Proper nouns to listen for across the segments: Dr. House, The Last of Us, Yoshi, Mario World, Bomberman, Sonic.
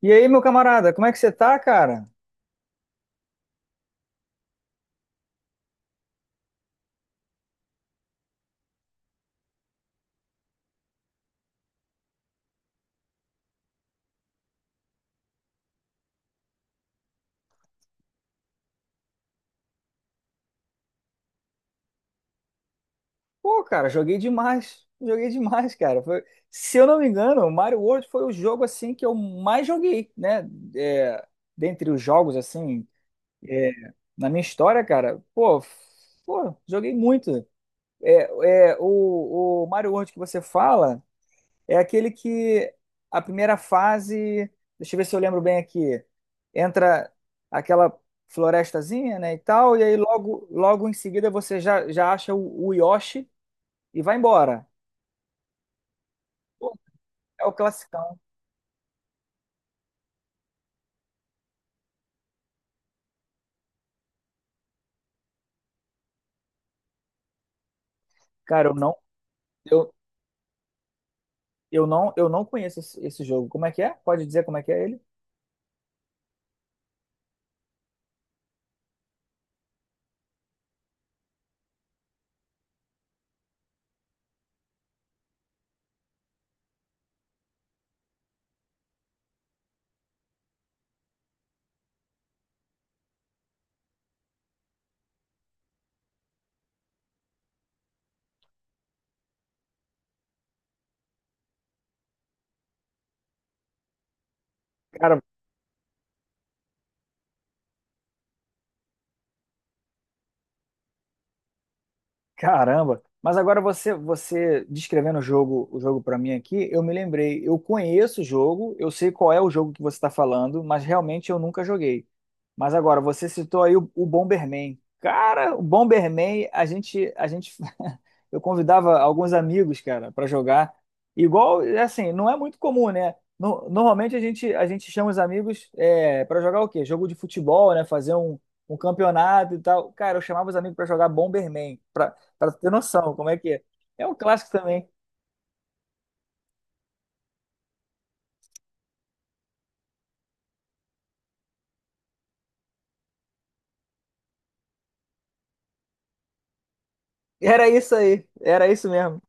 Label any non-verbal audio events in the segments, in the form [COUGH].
E aí, meu camarada, como é que você tá, cara? Pô, cara, joguei demais. Joguei demais, cara. Se eu não me engano, o Mario World foi o jogo assim que eu mais joguei, né? É, dentre os jogos assim, é, na minha história, cara. Pô, pô, joguei muito. O Mario World que você fala. É aquele que a primeira fase, deixa eu ver se eu lembro bem aqui, entra aquela florestazinha, né, e tal, e aí logo, logo em seguida você já acha o Yoshi e vai embora. Pô, é o classicão. Cara, eu não, eu, eu não, eu não conheço esse jogo. Como é que é? Pode dizer como é que é ele? Cara, Caramba! Mas agora você descrevendo o jogo para mim aqui, eu me lembrei. Eu conheço o jogo, eu sei qual é o jogo que você está falando, mas realmente eu nunca joguei. Mas agora você citou aí o Bomberman. Cara, o Bomberman, a gente [LAUGHS] eu convidava alguns amigos, cara, para jogar. Igual, é assim, não é muito comum, né? Normalmente a gente chama os amigos para jogar o quê? Jogo de futebol, né? Fazer um campeonato e tal. Cara, eu chamava os amigos para jogar Bomberman. Pra ter noção, como é que é. É um clássico também. Era isso aí, era isso mesmo.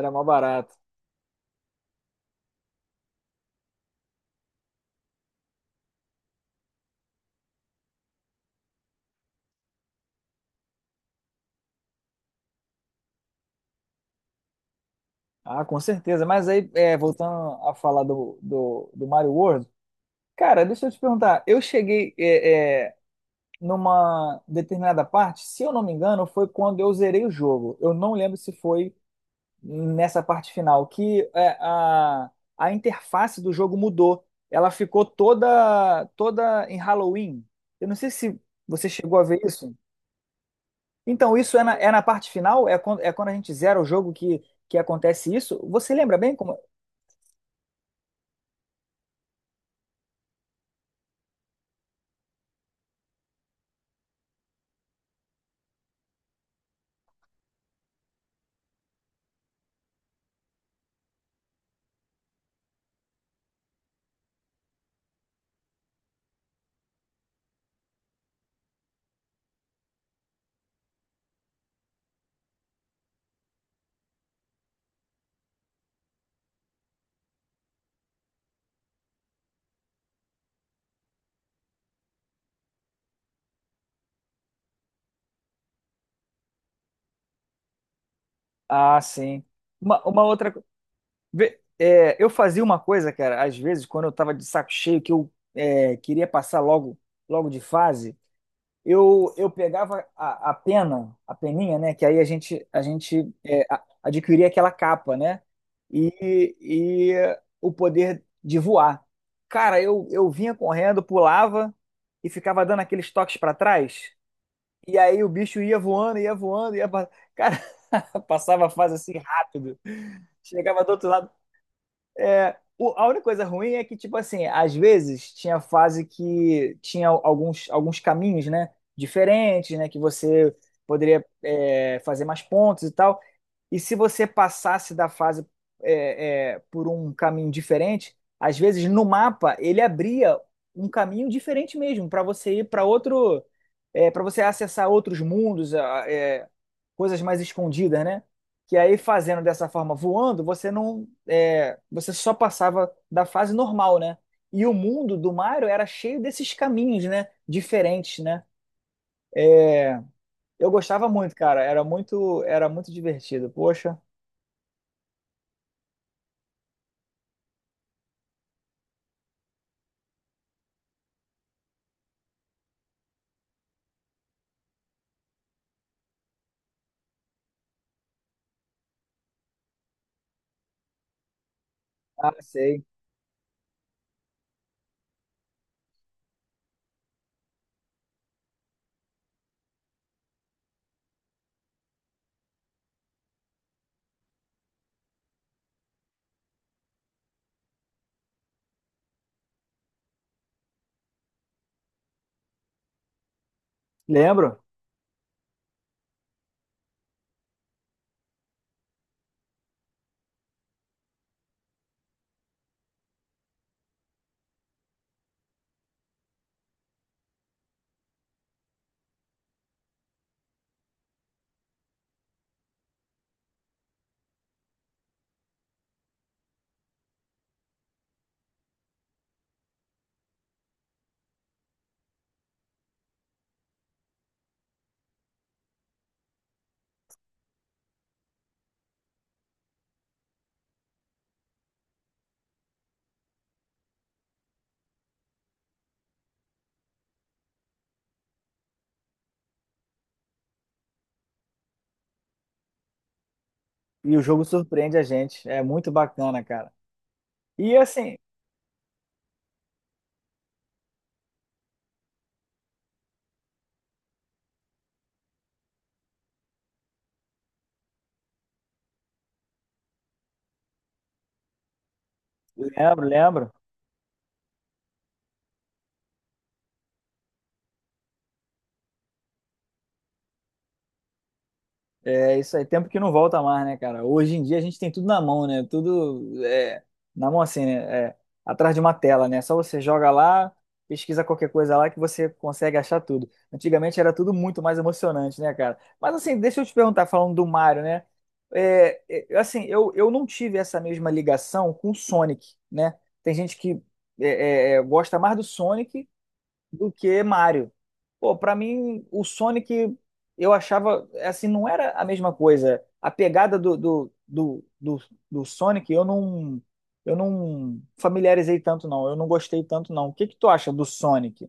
Era mó barato. Ah, com certeza. Mas aí, é, voltando a falar do, do Mario World, cara, deixa eu te perguntar. Eu cheguei numa determinada parte, se eu não me engano, foi quando eu zerei o jogo. Eu não lembro se foi nessa parte final, que é, a interface do jogo mudou. Ela ficou toda, toda em Halloween. Eu não sei se você chegou a ver isso. Então, isso é na parte final? É quando a gente zera o jogo que acontece isso? Você lembra bem como. Ah, sim. Uma outra. Vê, é, eu fazia uma coisa, cara, às vezes, quando eu tava de saco cheio, que eu queria passar logo, logo de fase. Eu pegava a pena, a peninha, né? Que aí a gente adquiria aquela capa, né? E o poder de voar. Cara, eu vinha correndo, pulava e ficava dando aqueles toques para trás. E aí o bicho ia voando, ia voando, ia. Cara, [LAUGHS] passava a fase assim rápido. Chegava do outro lado a única coisa ruim é que, tipo assim, às vezes tinha fase que tinha alguns, alguns caminhos, né? Diferentes, né? Que você poderia, fazer mais pontos e tal. E se você passasse da fase por um caminho diferente, às vezes no mapa ele abria um caminho diferente mesmo, para você ir para outro, para você acessar outros mundos, coisas mais escondidas, né? Que aí fazendo dessa forma, voando, você não, você só passava da fase normal, né? E o mundo do Mario era cheio desses caminhos, né? Diferentes, né? Eu gostava muito, cara. Era muito divertido. Poxa, ah, sei. Lembro. E o jogo surpreende a gente. É muito bacana, cara. E assim, lembro, lembro. É isso aí. Tempo que não volta mais, né, cara? Hoje em dia a gente tem tudo na mão, né? Tudo na mão assim, né? Atrás de uma tela, né? Só você joga lá, pesquisa qualquer coisa lá que você consegue achar tudo. Antigamente era tudo muito mais emocionante, né, cara? Mas assim, deixa eu te perguntar, falando do Mario, né? É, assim, eu não tive essa mesma ligação com o Sonic, né? Tem gente que gosta mais do Sonic do que Mario. Pô, pra mim, o Sonic eu achava assim, não era a mesma coisa. A pegada do, do Sonic eu não familiarizei tanto, não. Eu não gostei tanto, não. O que que tu acha do Sonic?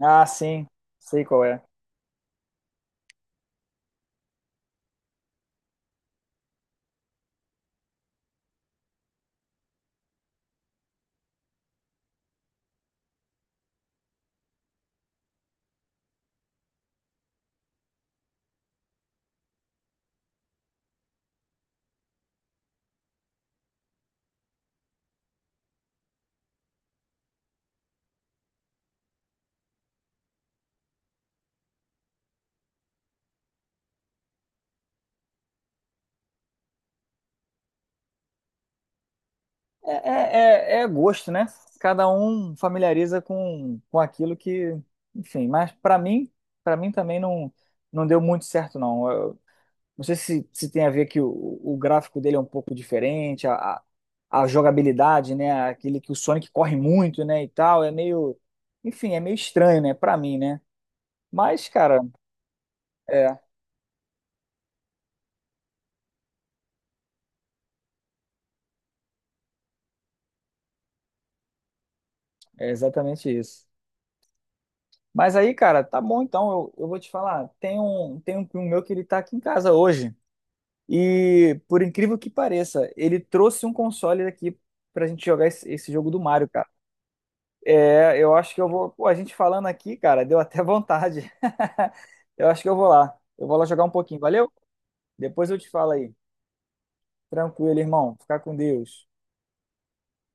Ah, sim, sei qual é. É, É gosto, né? Cada um familiariza com aquilo que, enfim, mas pra mim, para mim também não, não deu muito certo, não. Não sei se, se tem a ver que o gráfico dele é um pouco diferente, a jogabilidade, né? Aquele que o Sonic corre muito, né? E tal, é meio. Enfim, é meio estranho, né? Pra mim, né? Mas, cara, é, é exatamente isso. Mas aí, cara, tá bom então. Eu vou te falar, tem um primo meu que ele tá aqui em casa hoje. E, por incrível que pareça, ele trouxe um console aqui pra gente jogar esse jogo do Mario, cara. É, eu acho que eu vou. Pô, a gente falando aqui, cara, deu até vontade. [LAUGHS] Eu acho que eu vou lá. Eu vou lá jogar um pouquinho, valeu? Depois eu te falo aí. Tranquilo, irmão. Fica com Deus.